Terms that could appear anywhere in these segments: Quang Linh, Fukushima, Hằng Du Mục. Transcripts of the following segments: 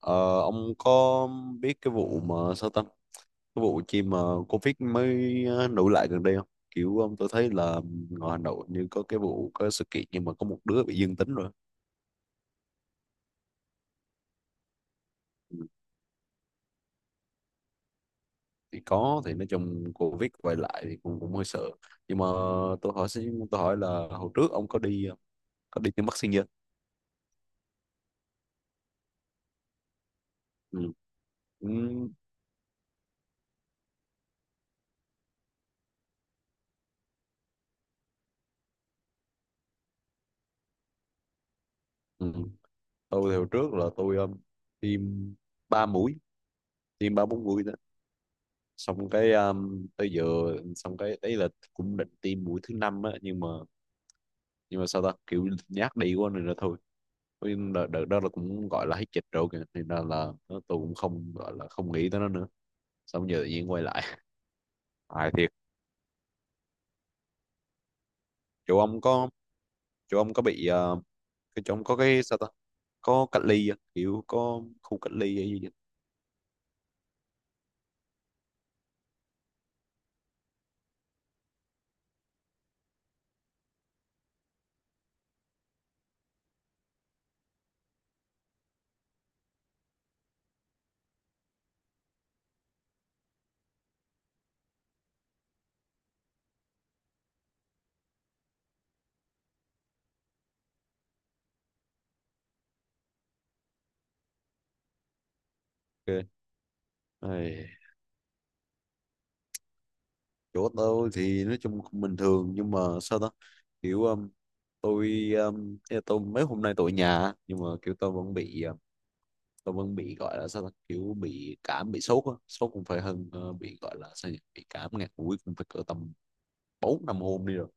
Ờ, ông có biết cái vụ mà sao ta cái vụ chi mà Covid mới nổi lại gần đây không? Kiểu ông tôi thấy là ngoài Hà Nội như có cái vụ có sự kiện nhưng mà có một đứa bị dương tính rồi. Ừ, thì có thì nói chung Covid quay lại thì cũng cũng hơi sợ, nhưng mà tôi hỏi là hồi trước ông có đi có đi tiêm vaccine chưa? Ừ. Ừ. Ừ. Tôi thì hồi trước là tôi tiêm ba mũi, tiêm ba bốn mũi xong cái tới giờ, xong cái đấy là cũng định tiêm mũi thứ năm á, nhưng mà sao ta kiểu nhát đi quá nên là thôi. Với đợt, đợt đó là cũng gọi là hết dịch rồi kìa nên là tôi cũng không gọi là không nghĩ tới nó nữa, xong giờ tự nhiên quay lại hài thiệt. chỗ ông có Chỗ ông có bị cái chỗ ông có cái sao ta có cách ly á, kiểu có khu cách ly hay gì vậy? Ok. Ai, chỗ tôi thì nói chung cũng bình thường nhưng mà sao ta kiểu tôi ý là tôi mấy hôm nay tôi ở nhà nhưng mà kiểu tôi vẫn bị gọi là sao ta kiểu bị cảm bị sốt á, sốt cũng phải hơn bị gọi là sao nhỉ? Bị cảm ngạt mũi cũng phải cỡ tầm bốn năm hôm đi rồi.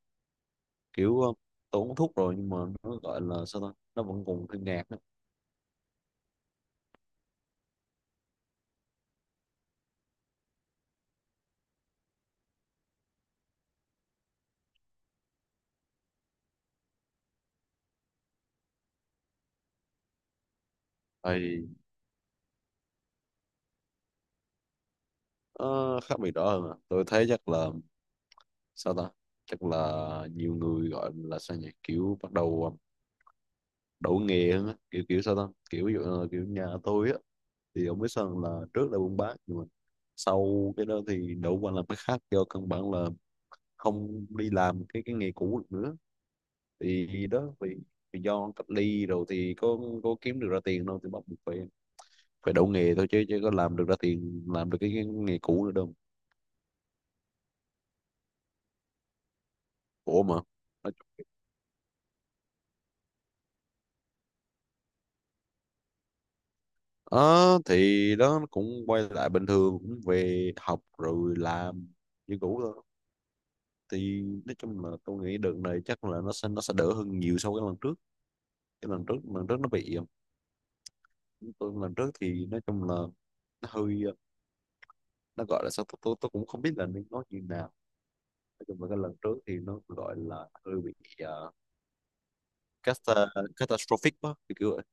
Kiểu tôi uống thuốc rồi nhưng mà nó gọi là sao ta nó vẫn còn hơi ngạt á. Thì khác biệt đó hơn à. Tôi thấy chắc là sao ta chắc là nhiều người gọi là sao nhỉ, kiểu bắt đầu đậu nghề hơn á, kiểu kiểu sao ta kiểu ví dụ là kiểu nhà tôi á, thì ông biết sao không? Là trước là buôn bán nhưng mà sau cái đó thì đậu qua làm cái khác do căn bản là không đi làm cái nghề cũ được nữa. Thì đó vì vì do cách ly rồi thì có kiếm được ra tiền đâu, thì bắt buộc phải phải đậu nghề thôi, chứ chứ có làm được ra tiền làm được cái nghề cũ nữa đâu. Khổ mà. Nói, ờ thì đó nó cũng quay lại bình thường, cũng về học rồi làm như cũ thôi. Thì nói chung là tôi nghĩ đợt này chắc là nó sẽ đỡ hơn nhiều so với lần trước. Cái lần trước, lần trước nó bị, tôi lần trước thì nói chung là nó hơi, nó gọi là sao, tôi cũng không biết là nên nói như nào. Nói chung là cái lần trước thì nó gọi là hơi bị uh, cata- catastrophic đó, thì kiểu vậy.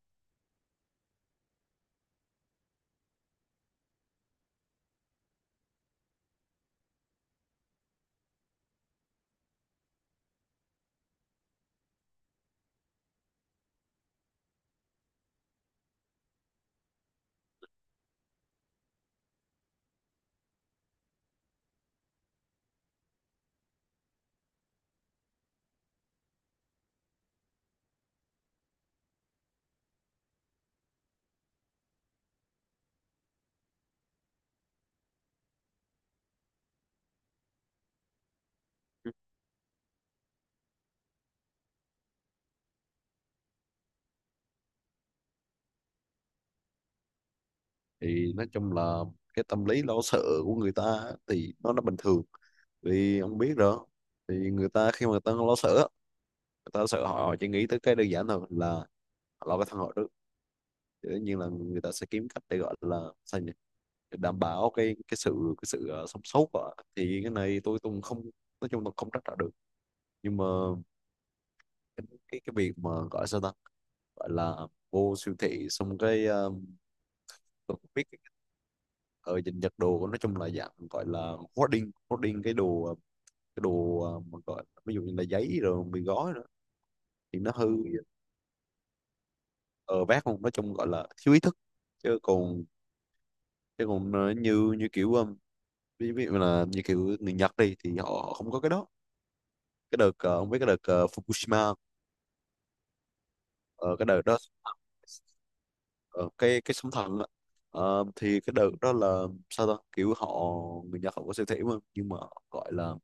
Thì nói chung là cái tâm lý lo sợ của người ta á, thì nó bình thường. Vì ông biết rồi, thì người ta khi mà người ta lo sợ á, người ta sợ họ chỉ nghĩ tới cái đơn giản thôi là họ lo cái thân họ trước. Thì tất nhiên là người ta sẽ kiếm cách để gọi là sao nhỉ, để đảm bảo cái sự sống sót của họ. Thì cái này tôi cũng không, nói chung là không trách trả được, nhưng mà cái việc mà gọi sao ta gọi là vô siêu thị xong cái tôi không biết ở dình giật đồ, nói chung là dạng gọi là hoarding hoarding cái đồ cái đồ mà gọi ví dụ như là giấy rồi mì gói nữa, thì nó hư, ở vác không nói chung gọi là thiếu ý thức, chứ còn chứ còn như như kiểu ví ví dụ là như kiểu người Nhật đi thì họ không có cái đó. Cái đợt ông biết cái đợt Fukushima, ờ, cái đợt đó, ờ, cái sóng thần á. Ờ, thì cái đợt đó là sao ta kiểu họ, người Nhật họ có siêu thị mà nhưng mà gọi là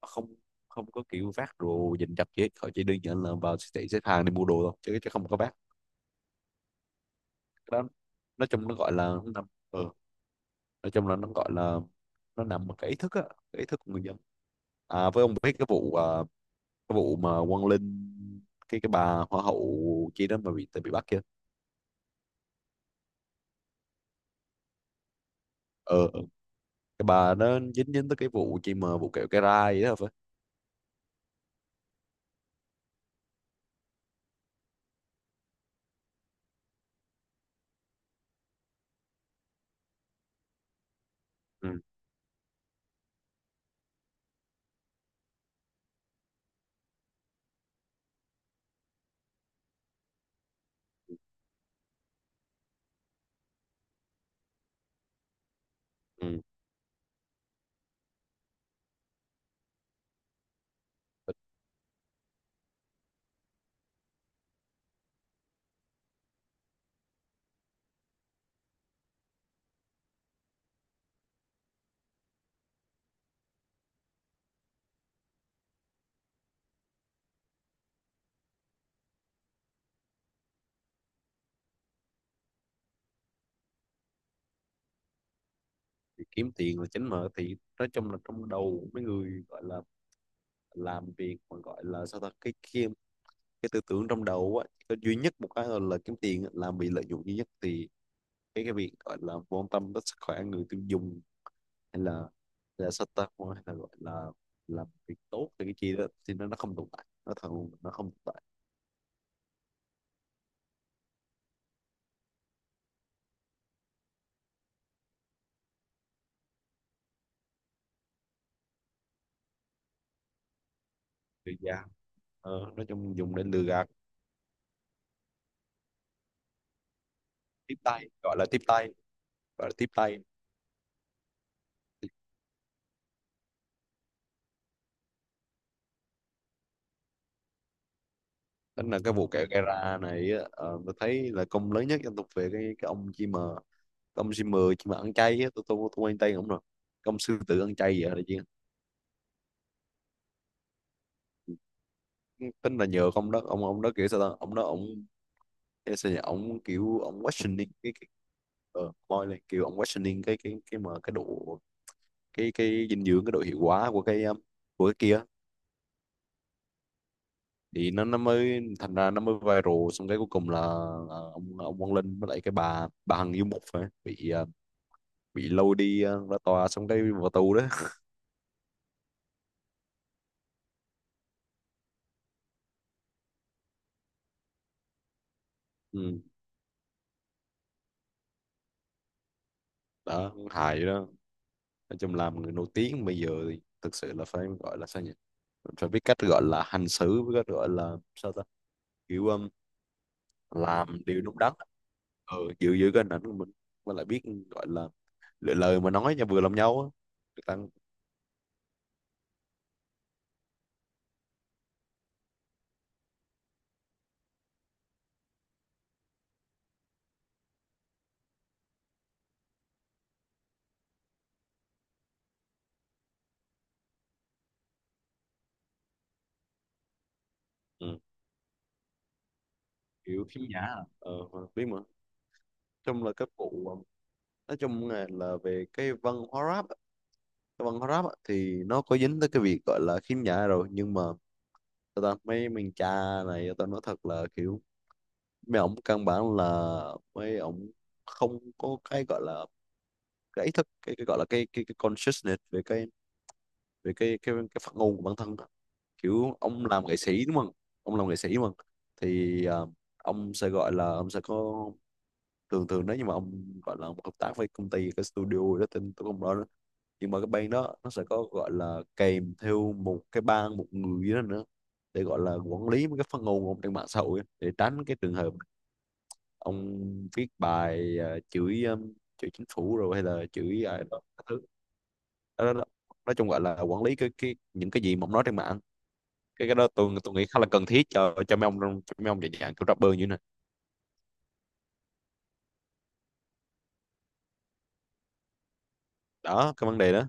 không, không có kiểu vác đồ dình dập gì hết, họ chỉ đơn giản là vào siêu thị xếp hàng để mua đồ thôi, chứ chứ không có vác. Cái đó nói chung nó gọi là nó nằm, ờ, nói chung là nó gọi là nó nằm ở cái ý thức á, cái ý thức của người dân. À, với ông biết cái vụ cái vụ mà Quang Linh, cái bà hoa hậu chi đó mà bị, tại bị bắt kia. ờ ờ. Cái bà đó dính dính tới cái vụ chi mà vụ kẹo cái rai vậy đó phải? Ừ. Ừ. Thì kiếm tiền là chính mà, thì nói chung là trong đầu mấy người gọi là làm việc mà gọi là sao ta cái tư tưởng trong đầu á có duy nhất một cái là kiếm tiền á, là bị lợi dụng duy nhất. Thì cái việc gọi là quan tâm tới sức khỏe người tiêu dùng hay là sao ta hay là gọi là làm việc tốt cho cái chi đó, thì nó không tồn tại, nó thật luôn, nó không tồn tại. Thì dạ, nói chung dùng để lừa gạt, tiếp tay gọi là tiếp tay, gọi là tiếp tay. Tính là cái vụ kẹo gara này á, ờ, tôi thấy là công lớn nhất dân tộc về cái ông chim mờ. Cái ông chim mờ chim mà ăn chay á, tôi quen tay ông rồi. Cái ông sư tử ăn chay vậy là chứ. Tính là nhờ ông đó, ông đó kiểu sao ta ông đó ông cái sao nhỉ, ông kiểu ông questioning cái moi lên, kiểu ông questioning cái mà cái độ, cái dinh dưỡng cái độ hiệu quả của cái kia. Thì nó mới thành ra nó mới viral, xong cái cuối cùng là ông Quang Linh với lại cái bà Hằng Du Mục phải bị bị lôi đi ra tòa xong cái vào tù đó. Ừ. Đó hài vậy đó. Nói chung làm người nổi tiếng bây giờ thì thực sự là phải gọi là sao nhỉ, phải biết cách gọi là hành xử với cách gọi là sao ta kiểu làm điều đúng đắn, ừ, giữ giữ cái hình ảnh của mình, mà lại biết gọi là lựa lời mà nói cho vừa lòng nhau á, tăng. Ừ. Kiểu khiếm nhã à. Ờ, biết mà. Trong là các vụ nói chung là về cái văn hóa rap á, cái văn hóa rap á, thì nó có dính tới cái việc gọi là khiếm nhã rồi nhưng mà tao ta, mấy mình cha này tao nói thật là kiểu mấy ổng căn bản là mấy ổng không có cái gọi là cái ý thức cái gọi là cái consciousness về cái, về cái phát ngôn của bản thân á. Kiểu ông làm nghệ sĩ đúng không, ông làm nghệ sĩ mà thì ông sẽ gọi là ông sẽ có, thường thường nếu như mà ông gọi là ông hợp tác với công ty cái studio đó tên tôi không rõ, nhưng mà cái bang đó nó sẽ có gọi là kèm theo một cái ban một người đó nữa để gọi là quản lý mấy cái phát ngôn của ông trên mạng xã hội á, để tránh cái trường hợp ông viết bài chửi chửi chính phủ rồi hay là chửi ai đó các thứ. Đó, đó, đó. Nói chung gọi là quản lý cái những cái gì mà ông nói trên mạng, cái đó tôi nghĩ khá là cần thiết cho mấy ông cho mấy ông dạng dạng kiểu rapper như thế này. Đó cái vấn đề đó.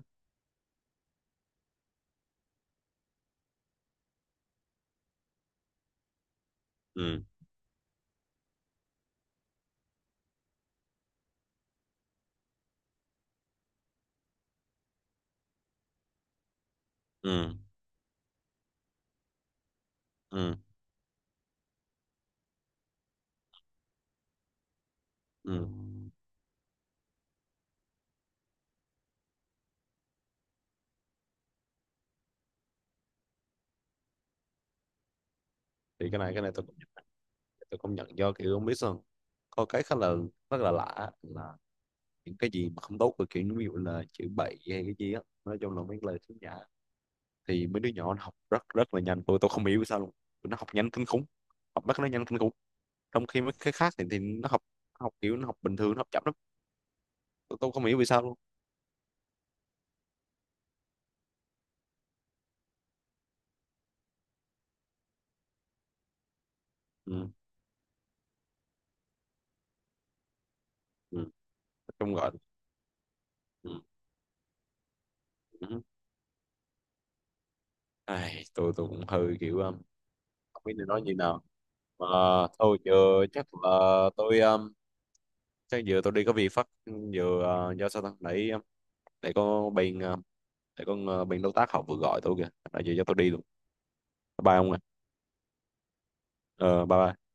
Ừ. Ừ. Ừ. Ừ. Thì cái này tôi cũng, tôi công nhận do kiểu không biết sao, có cái khá là, rất là lạ là những cái gì mà không tốt của, kiểu ví dụ là chữ bậy hay cái gì á, nói chung là mấy lời xấu nhã, thì mấy đứa nhỏ nó học rất rất là nhanh, tôi không hiểu sao luôn. Tụi nó học nhanh kinh khủng, học bắt nó nhanh kinh khủng, trong khi mấy cái khác thì nó học, học kiểu nó học bình thường nó học chậm lắm. Tôi không hiểu vì sao luôn. Ừ, ừ. Nói chung gọi. Ừ. Ừ. Ai, tôi cũng hơi kiểu không biết nên nói như nào mà, thôi giờ chắc là tôi chắc giờ tôi đi có việc phát giờ do sao ta nãy để có bên để con bên đối tác họ vừa gọi tôi kìa nói gì cho tôi đi luôn. Bye ông ạ. Ờ bye bye.